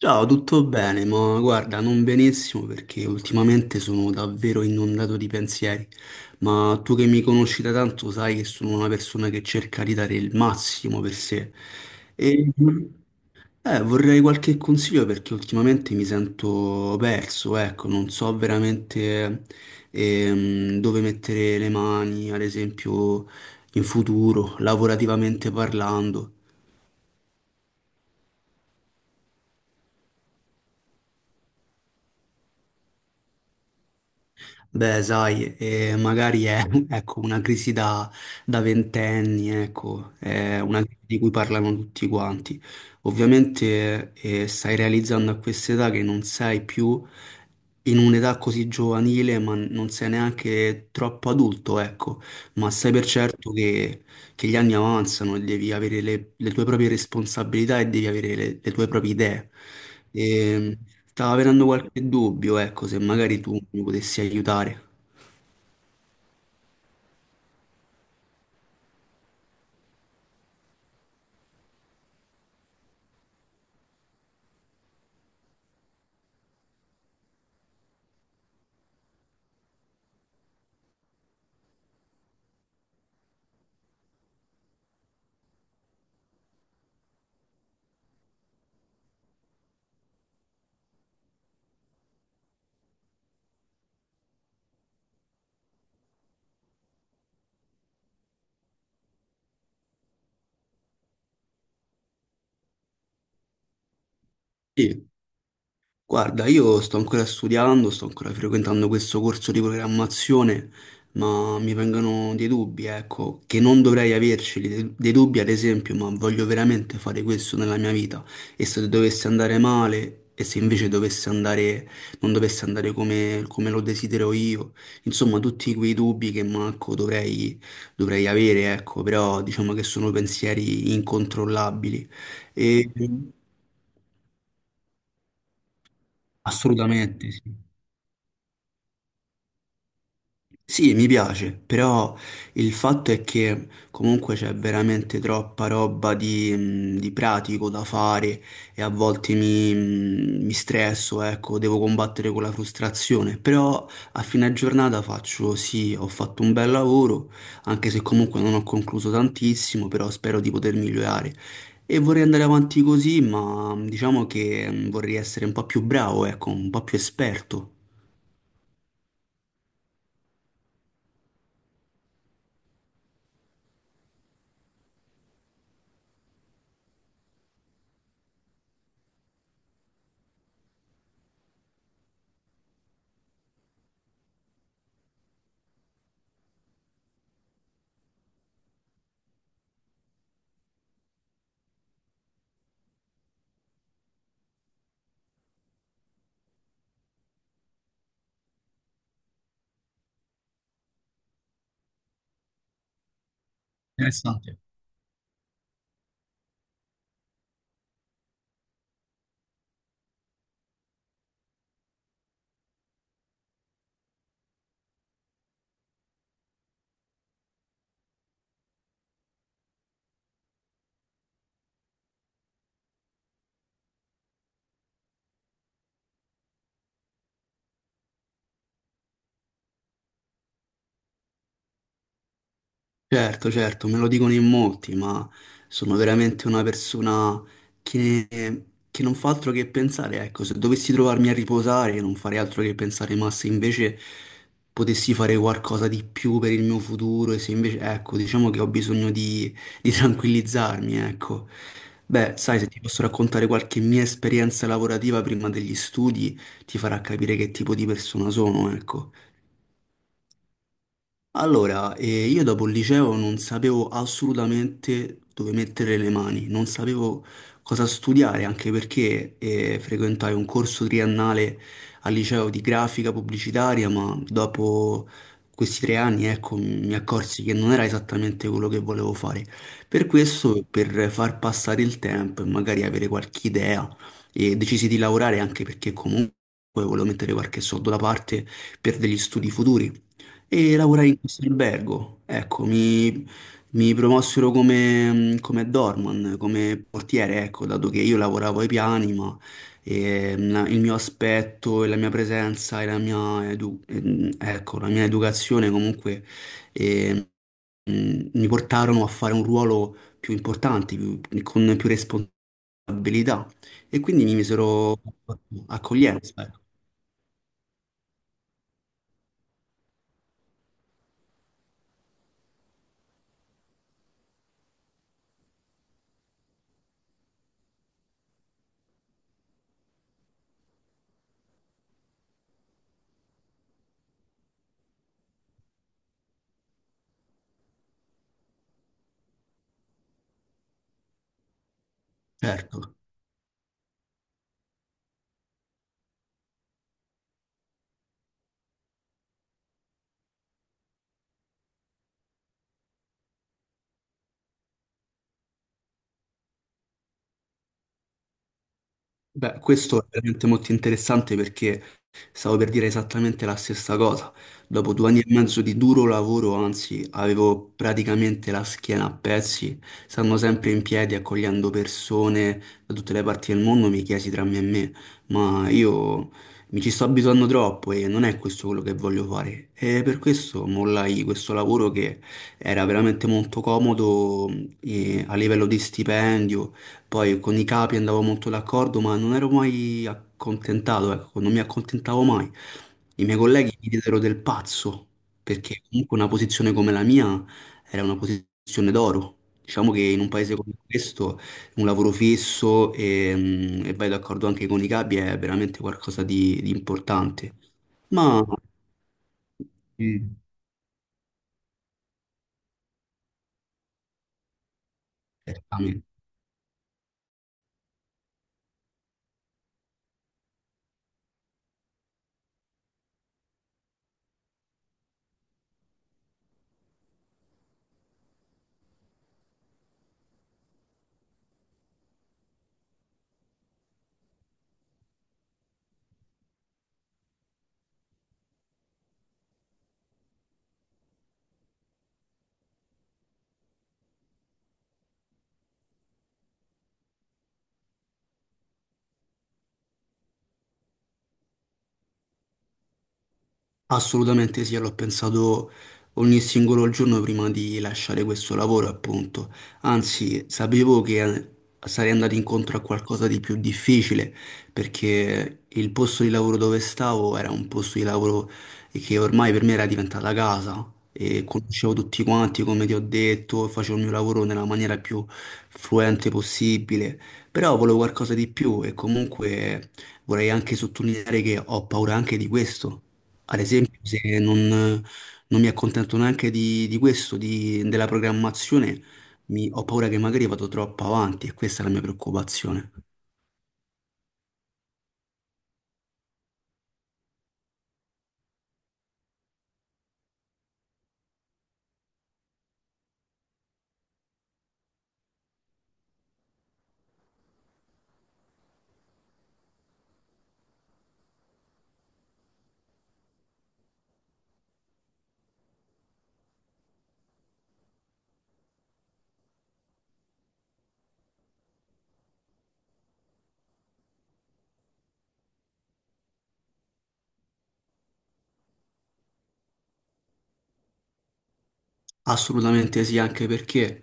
Ciao, tutto bene, ma guarda, non benissimo perché ultimamente sono davvero inondato di pensieri, ma tu che mi conosci da tanto sai che sono una persona che cerca di dare il massimo per sé e vorrei qualche consiglio perché ultimamente mi sento perso, ecco, non so veramente dove mettere le mani, ad esempio in futuro, lavorativamente parlando. Beh, sai, magari è ecco, una crisi da ventenni, ecco, è una crisi di cui parlano tutti quanti. Ovviamente stai realizzando a questa età che non sei più in un'età così giovanile, ma non sei neanche troppo adulto, ecco, ma sai per certo che gli anni avanzano e devi avere le tue proprie responsabilità e devi avere le tue proprie idee. E stavo avendo qualche dubbio, ecco, se magari tu mi potessi aiutare. Sì. Guarda, io sto ancora studiando, sto ancora frequentando questo corso di programmazione, ma mi vengono dei dubbi, ecco, che non dovrei averceli, dei dubbi ad esempio, ma voglio veramente fare questo nella mia vita e se dovesse andare male e se invece dovesse andare, non dovesse andare come lo desidero io, insomma tutti quei dubbi che manco dovrei, avere, ecco, però diciamo che sono pensieri incontrollabili e assolutamente sì. Sì, mi piace, però il fatto è che comunque c'è veramente troppa roba di pratico da fare e a volte mi stresso, ecco, devo combattere con la frustrazione, però a fine giornata faccio sì, ho fatto un bel lavoro, anche se comunque non ho concluso tantissimo, però spero di poter migliorare. E vorrei andare avanti così, ma diciamo che vorrei essere un po' più bravo, ecco, un po' più esperto. Interessante. Certo, certo, me lo dicono in molti, ma sono veramente una persona che, che non fa altro che pensare. Ecco, se dovessi trovarmi a riposare, non farei altro che pensare, ma se invece potessi fare qualcosa di più per il mio futuro, e se invece, ecco, diciamo che ho bisogno di tranquillizzarmi, ecco. Beh, sai, se ti posso raccontare qualche mia esperienza lavorativa prima degli studi, ti farà capire che tipo di persona sono, ecco. Allora, io dopo il liceo non sapevo assolutamente dove mettere le mani, non sapevo cosa studiare, anche perché frequentai un corso triennale al liceo di grafica pubblicitaria, ma dopo questi 3 anni, ecco, mi accorsi che non era esattamente quello che volevo fare. Per questo, per far passare il tempo e magari avere qualche idea, decisi di lavorare anche perché comunque volevo mettere qualche soldo da parte per degli studi futuri e lavorai in questo albergo. Ecco, mi promossero come doorman, come portiere, ecco, dato che io lavoravo ai piani, ma il mio aspetto e la mia presenza e la mia, ecco, la mia educazione comunque eh, mi portarono a fare un ruolo più importante, con più responsabilità. E quindi mi misero accoglienza, ecco, certo. Beh, questo è veramente molto interessante perché stavo per dire esattamente la stessa cosa. Dopo 2 anni e mezzo di duro lavoro, anzi, avevo praticamente la schiena a pezzi, stando sempre in piedi, accogliendo persone da tutte le parti del mondo, mi chiesi tra me e me, ma io mi ci sto abituando troppo e non è questo quello che voglio fare. E per questo mollai questo lavoro che era veramente molto comodo a livello di stipendio, poi con i capi andavo molto d'accordo, ma non ero mai accontentato, ecco, non mi accontentavo mai. I miei colleghi mi diedero del pazzo, perché comunque una posizione come la mia era una posizione d'oro. Diciamo che in un paese come questo un lavoro fisso e vai d'accordo anche con i capi è veramente qualcosa di importante. Ma... Mm. Certamente. Assolutamente sì, l'ho pensato ogni singolo giorno prima di lasciare questo lavoro, appunto. Anzi, sapevo che sarei andato incontro a qualcosa di più difficile, perché il posto di lavoro dove stavo era un posto di lavoro che ormai per me era diventata casa e conoscevo tutti quanti, come ti ho detto, facevo il mio lavoro nella maniera più fluente possibile, però volevo qualcosa di più e comunque vorrei anche sottolineare che ho paura anche di questo, ad esempio, se non mi accontento neanche di questo, della programmazione, ho paura che magari vado troppo avanti e questa è la mia preoccupazione. Assolutamente sì, anche perché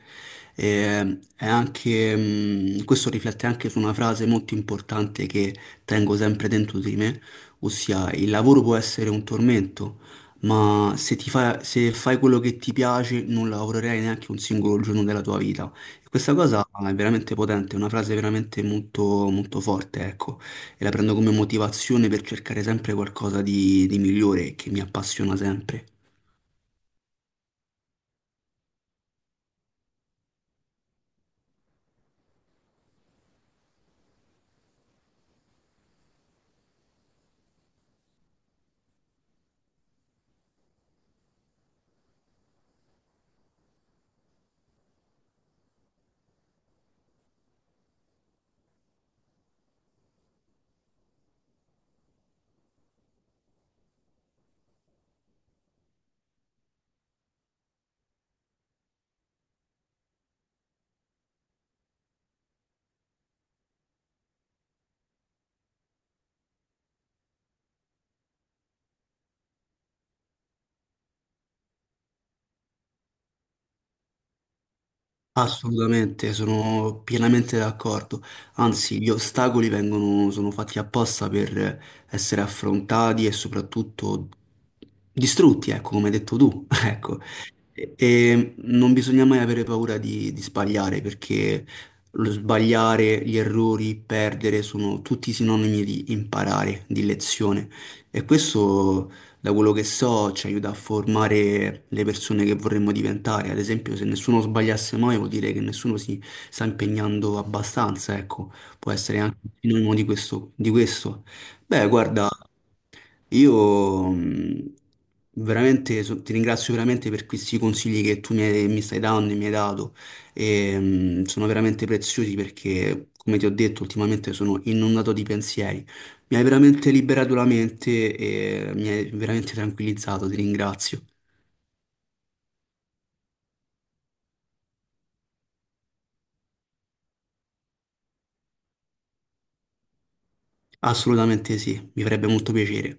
è anche, questo riflette anche su una frase molto importante che tengo sempre dentro di me, ossia il lavoro può essere un tormento, ma se ti se fai quello che ti piace non lavorerai neanche un singolo giorno della tua vita. E questa cosa è veramente potente, è una frase veramente molto, molto forte, ecco, e la prendo come motivazione per cercare sempre qualcosa di migliore che mi appassiona sempre. Assolutamente, sono pienamente d'accordo. Anzi, gli ostacoli vengono, sono fatti apposta per essere affrontati e soprattutto distrutti, ecco, come hai detto tu. Ecco, e non bisogna mai avere paura di sbagliare, perché lo sbagliare, gli errori, perdere sono tutti sinonimi di imparare, di lezione. E questo, da quello che so, ci aiuta a formare le persone che vorremmo diventare. Ad esempio, se nessuno sbagliasse mai, vuol dire che nessuno si sta impegnando abbastanza, ecco, può essere anche un sinonimo di questo, di questo. Beh, guarda, io veramente ti ringrazio veramente per questi consigli che tu mi stai dando e mi hai dato. E, sono veramente preziosi perché, come ti ho detto, ultimamente sono inondato di pensieri. Mi hai veramente liberato la mente e mi hai veramente tranquillizzato, ti ringrazio. Assolutamente sì, mi farebbe molto piacere.